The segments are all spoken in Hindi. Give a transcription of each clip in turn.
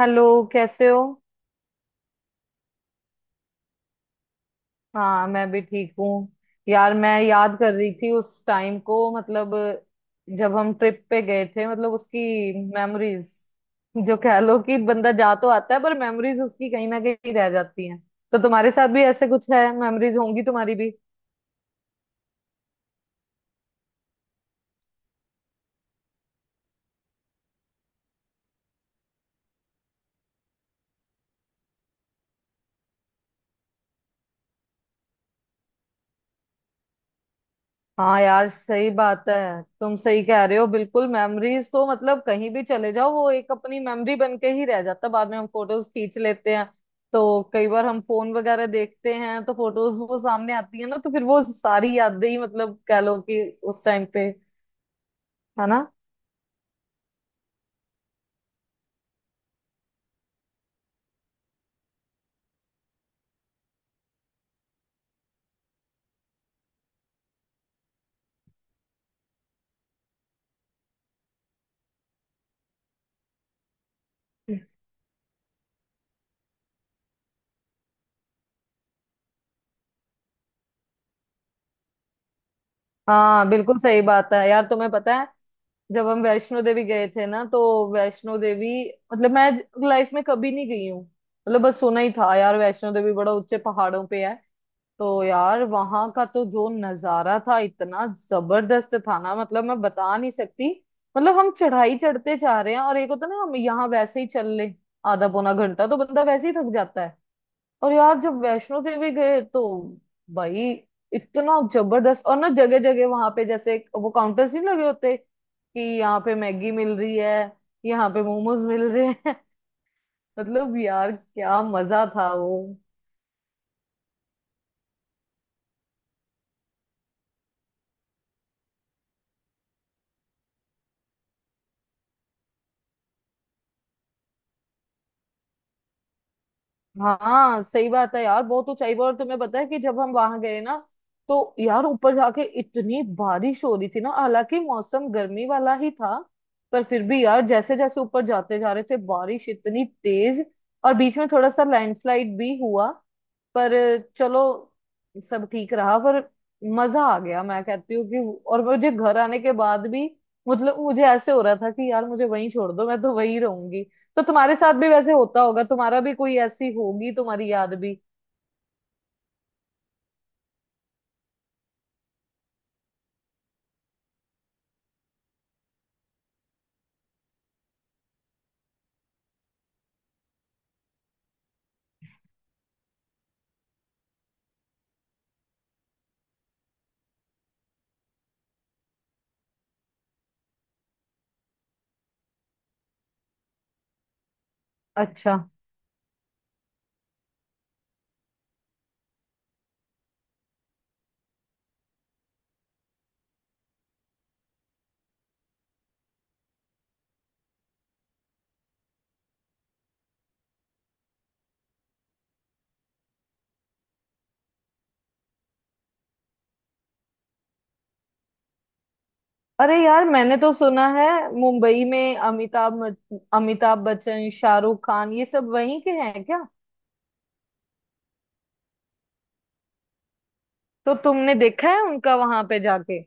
हेलो। कैसे हो? हाँ, मैं भी ठीक हूँ। यार, मैं याद कर रही थी उस टाइम को, मतलब जब हम ट्रिप पे गए थे, मतलब उसकी मेमोरीज। जो कह लो कि बंदा जा तो आता है, पर मेमोरीज उसकी कहीं ना कहीं रह जाती हैं। तो तुम्हारे साथ भी ऐसे कुछ है, मेमोरीज होंगी तुम्हारी भी। हाँ यार, सही बात है। तुम सही कह रहे हो, बिल्कुल। मेमोरीज तो मतलब कहीं भी चले जाओ, वो एक अपनी मेमोरी बन के ही रह जाता है। बाद में हम फोटोज खींच लेते हैं, तो कई बार हम फोन वगैरह देखते हैं, तो फोटोज वो सामने आती है ना, तो फिर वो सारी यादें ही, मतलब कह लो कि उस टाइम पे। है ना? हाँ बिल्कुल, सही बात है। यार तुम्हें पता है, जब हम वैष्णो देवी गए थे ना, तो वैष्णो देवी, मतलब मैं लाइफ में कभी नहीं गई हूँ। मतलब बस सुना ही था यार, वैष्णो देवी बड़ा ऊंचे पहाड़ों पे है। तो यार वहां का तो जो नजारा था, इतना जबरदस्त था ना, मतलब मैं बता नहीं सकती। मतलब हम चढ़ाई चढ़ते जा रहे हैं, और एक होता ना, हम यहाँ वैसे ही चल ले आधा पौना घंटा, तो बंदा वैसे ही थक जाता है। और यार जब वैष्णो देवी गए, तो भाई इतना जबरदस्त, और ना जगह जगह वहां पे जैसे वो काउंटर्स नहीं लगे होते कि यहाँ पे मैगी मिल रही है, यहाँ पे मोमोज मिल रहे हैं। मतलब यार, क्या मजा था वो। हाँ, सही बात है यार, बहुत ऊंचाई पर। और तुम्हें पता है कि जब हम वहां गए ना, तो यार ऊपर जाके इतनी बारिश हो रही थी ना, हालांकि मौसम गर्मी वाला ही था, पर फिर भी यार जैसे जैसे ऊपर जाते जा रहे थे, बारिश इतनी तेज। और बीच में थोड़ा सा लैंडस्लाइड भी हुआ, पर चलो, सब ठीक रहा। पर मजा आ गया, मैं कहती हूँ कि। और मुझे घर आने के बाद भी, मतलब मुझे ऐसे हो रहा था कि यार मुझे वहीं छोड़ दो, मैं तो वहीं रहूंगी। तो तुम्हारे साथ भी वैसे होता होगा, तुम्हारा भी कोई ऐसी होगी तुम्हारी याद भी। अच्छा, अरे यार, मैंने तो सुना है, मुंबई में अमिताभ अमिताभ बच्चन, शाहरुख खान, ये सब वहीं के हैं क्या? तो तुमने देखा है उनका वहां पे जाके?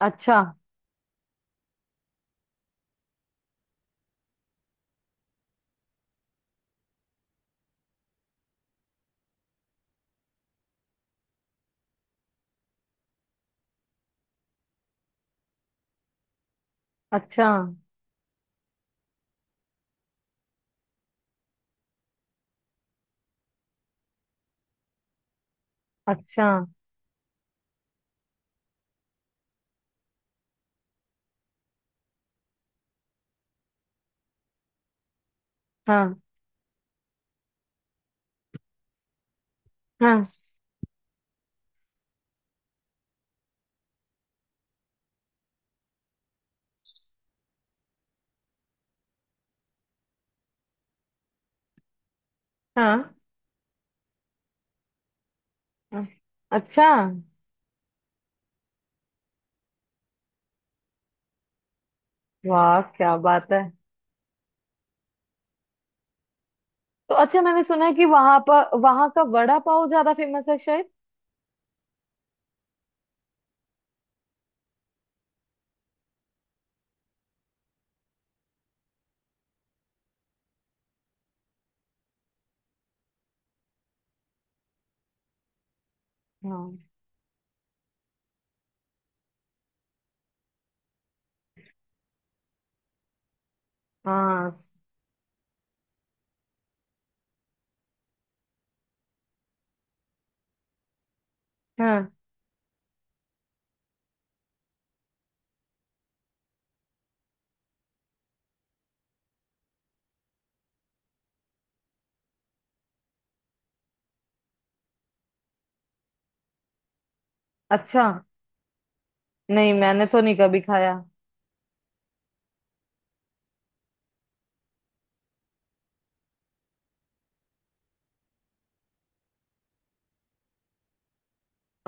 अच्छा। अच्छा। अच्छा। हाँ हाँ हाँ हाँ। अच्छा। वाह, क्या बात है। तो अच्छा, मैंने सुना है कि वहां पर, वहां का वड़ा पाव ज्यादा फेमस है शायद। हाँ हाँ, स-। हाँ। अच्छा। नहीं, मैंने तो नहीं कभी खाया।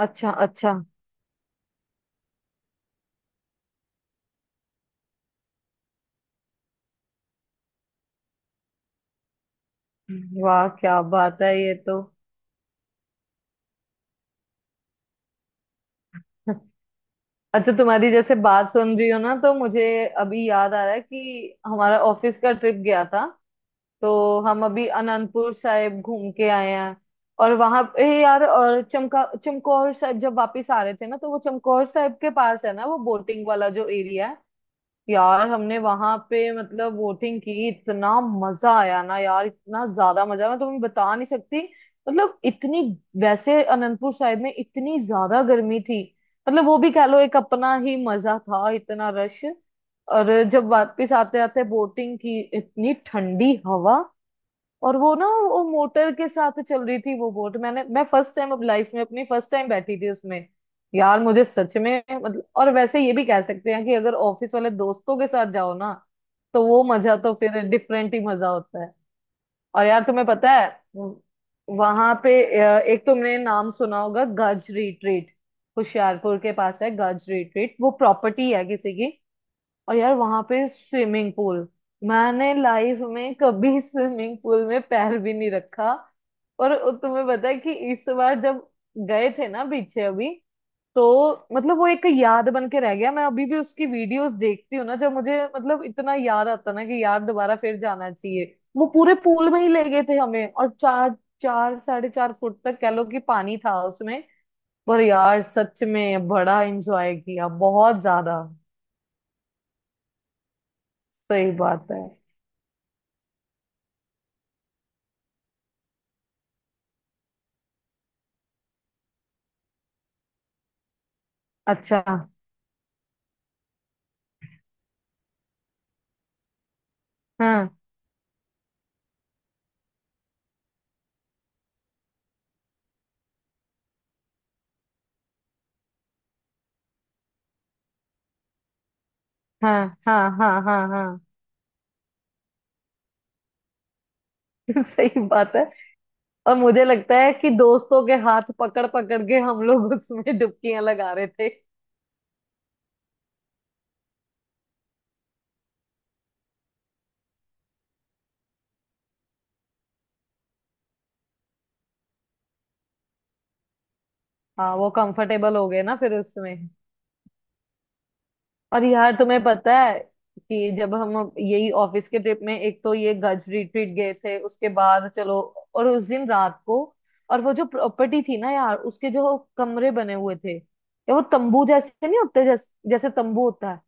अच्छा अच्छा। वाह क्या बात है ये तो। अच्छा, तुम्हारी जैसे बात सुन रही हो ना, तो मुझे अभी याद आ रहा है कि हमारा ऑफिस का ट्रिप गया था। तो हम अभी अनंदपुर साहिब घूम के आए हैं। और वहां पे यार, और चमका चमकौर साहिब जब वापस आ रहे थे ना, तो वो चमकौर साहिब के पास है ना, वो बोटिंग वाला जो एरिया है। यार हमने वहां पे मतलब बोटिंग की, इतना मजा आया ना यार, इतना ज्यादा मजा मैं तुम्हें बता नहीं सकती। मतलब इतनी, वैसे अनंतपुर साहिब में इतनी ज्यादा गर्मी थी, मतलब वो भी कह लो एक अपना ही मजा था, इतना रश। और जब वापस आते आते बोटिंग की, इतनी ठंडी हवा। और वो ना, वो मोटर के साथ चल रही थी वो बोट। मैंने, मैं फर्स्ट टाइम, अब लाइफ में अपनी फर्स्ट टाइम बैठी थी उसमें। यार मुझे सच में मतलब, और वैसे ये भी कह सकते हैं कि अगर ऑफिस वाले दोस्तों के साथ जाओ ना, तो वो मजा तो फिर डिफरेंट ही मजा होता है। और यार तुम्हें पता है, वहां पे एक तुमने नाम सुना होगा, गज रिट्रीट। होशियारपुर के पास है गज रिट्रीट, वो प्रॉपर्टी है किसी की। और यार वहां पे स्विमिंग पूल, मैंने लाइफ में कभी स्विमिंग पूल में पैर भी नहीं रखा। और तुम्हें पता है कि इस बार जब गए थे ना पीछे अभी, तो मतलब वो एक याद बन के रह गया। मैं अभी भी उसकी वीडियोस देखती हूँ ना, जब मुझे मतलब इतना याद आता ना, कि यार दोबारा फिर जाना चाहिए। वो पूरे पूल में ही ले गए थे हमें, और चार, चार 4.5 फुट तक कह लो कि पानी था उसमें। पर यार सच में बड़ा एंजॉय किया, बहुत ज्यादा। सही बात है। अच्छा। हाँ हाँ हाँ हाँ हाँ हाँ। सही बात है। और मुझे लगता है कि दोस्तों के हाथ पकड़ पकड़ के हम लोग उसमें डुबकियां लगा रहे थे। हाँ, वो कंफर्टेबल हो गए ना फिर उसमें। और यार तुम्हें पता है कि जब हम यही ऑफिस के ट्रिप में, एक तो ये गज रिट्रीट गए थे, उसके बाद चलो, और उस दिन रात को, और वो जो प्रॉपर्टी थी ना यार, उसके जो कमरे बने हुए थे, या वो तंबू जैसे नहीं होते जैसे, जैसे तंबू होता है,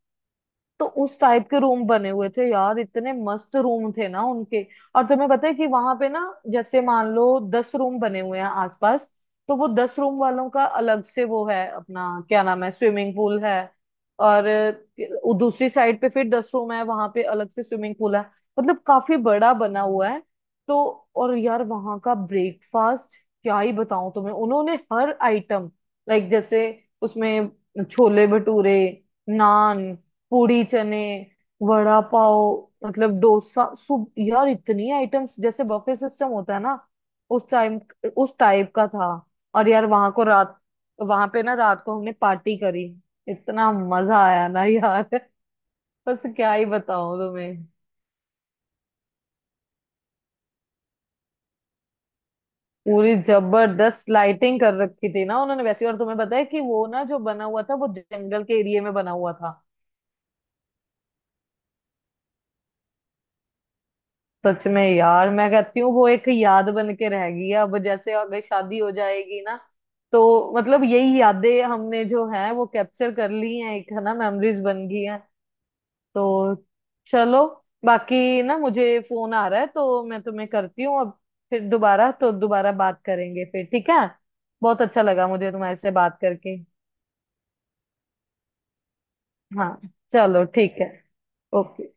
तो उस टाइप के रूम बने हुए थे यार, इतने मस्त रूम थे ना उनके। और तुम्हें पता है कि वहां पे ना, जैसे मान लो 10 रूम बने हुए हैं आसपास, तो वो 10 रूम वालों का अलग से वो है, अपना क्या नाम है, स्विमिंग पूल है। और दूसरी साइड पे फिर 10 रूम है, वहां पे अलग से स्विमिंग पूल है। मतलब काफी बड़ा बना हुआ है तो। और यार वहां का ब्रेकफास्ट, क्या ही बताऊं तुम्हें, उन्होंने हर आइटम, लाइक जैसे उसमें छोले भटूरे, नान, पूड़ी चने, वड़ा पाव, मतलब डोसा, सूप, यार इतनी आइटम्स, जैसे बफे सिस्टम होता है ना, उस टाइम, उस टाइप का था। और यार वहां को रात, वहां पे ना रात को हमने पार्टी करी, इतना मजा आया ना यार। बस क्या ही बताऊं तुम्हें। पूरी जबरदस्त लाइटिंग कर रखी थी ना उन्होंने वैसी। और तुम्हें पता है कि वो ना जो बना हुआ था, वो जंगल के एरिया में बना हुआ था। सच में यार, मैं कहती हूँ वो एक याद बन के रहेगी। अब जैसे अगर शादी हो जाएगी ना, तो मतलब यही यादें हमने जो है वो कैप्चर कर ली हैं एक, है ना, मेमोरीज बन गई हैं। तो चलो, बाकी ना मुझे फोन आ रहा है, तो मैं तुम्हें करती हूँ अब, फिर दोबारा, तो दोबारा बात करेंगे फिर, ठीक है। बहुत अच्छा लगा मुझे तुम्हारे से बात करके। हाँ चलो, ठीक है। ओके।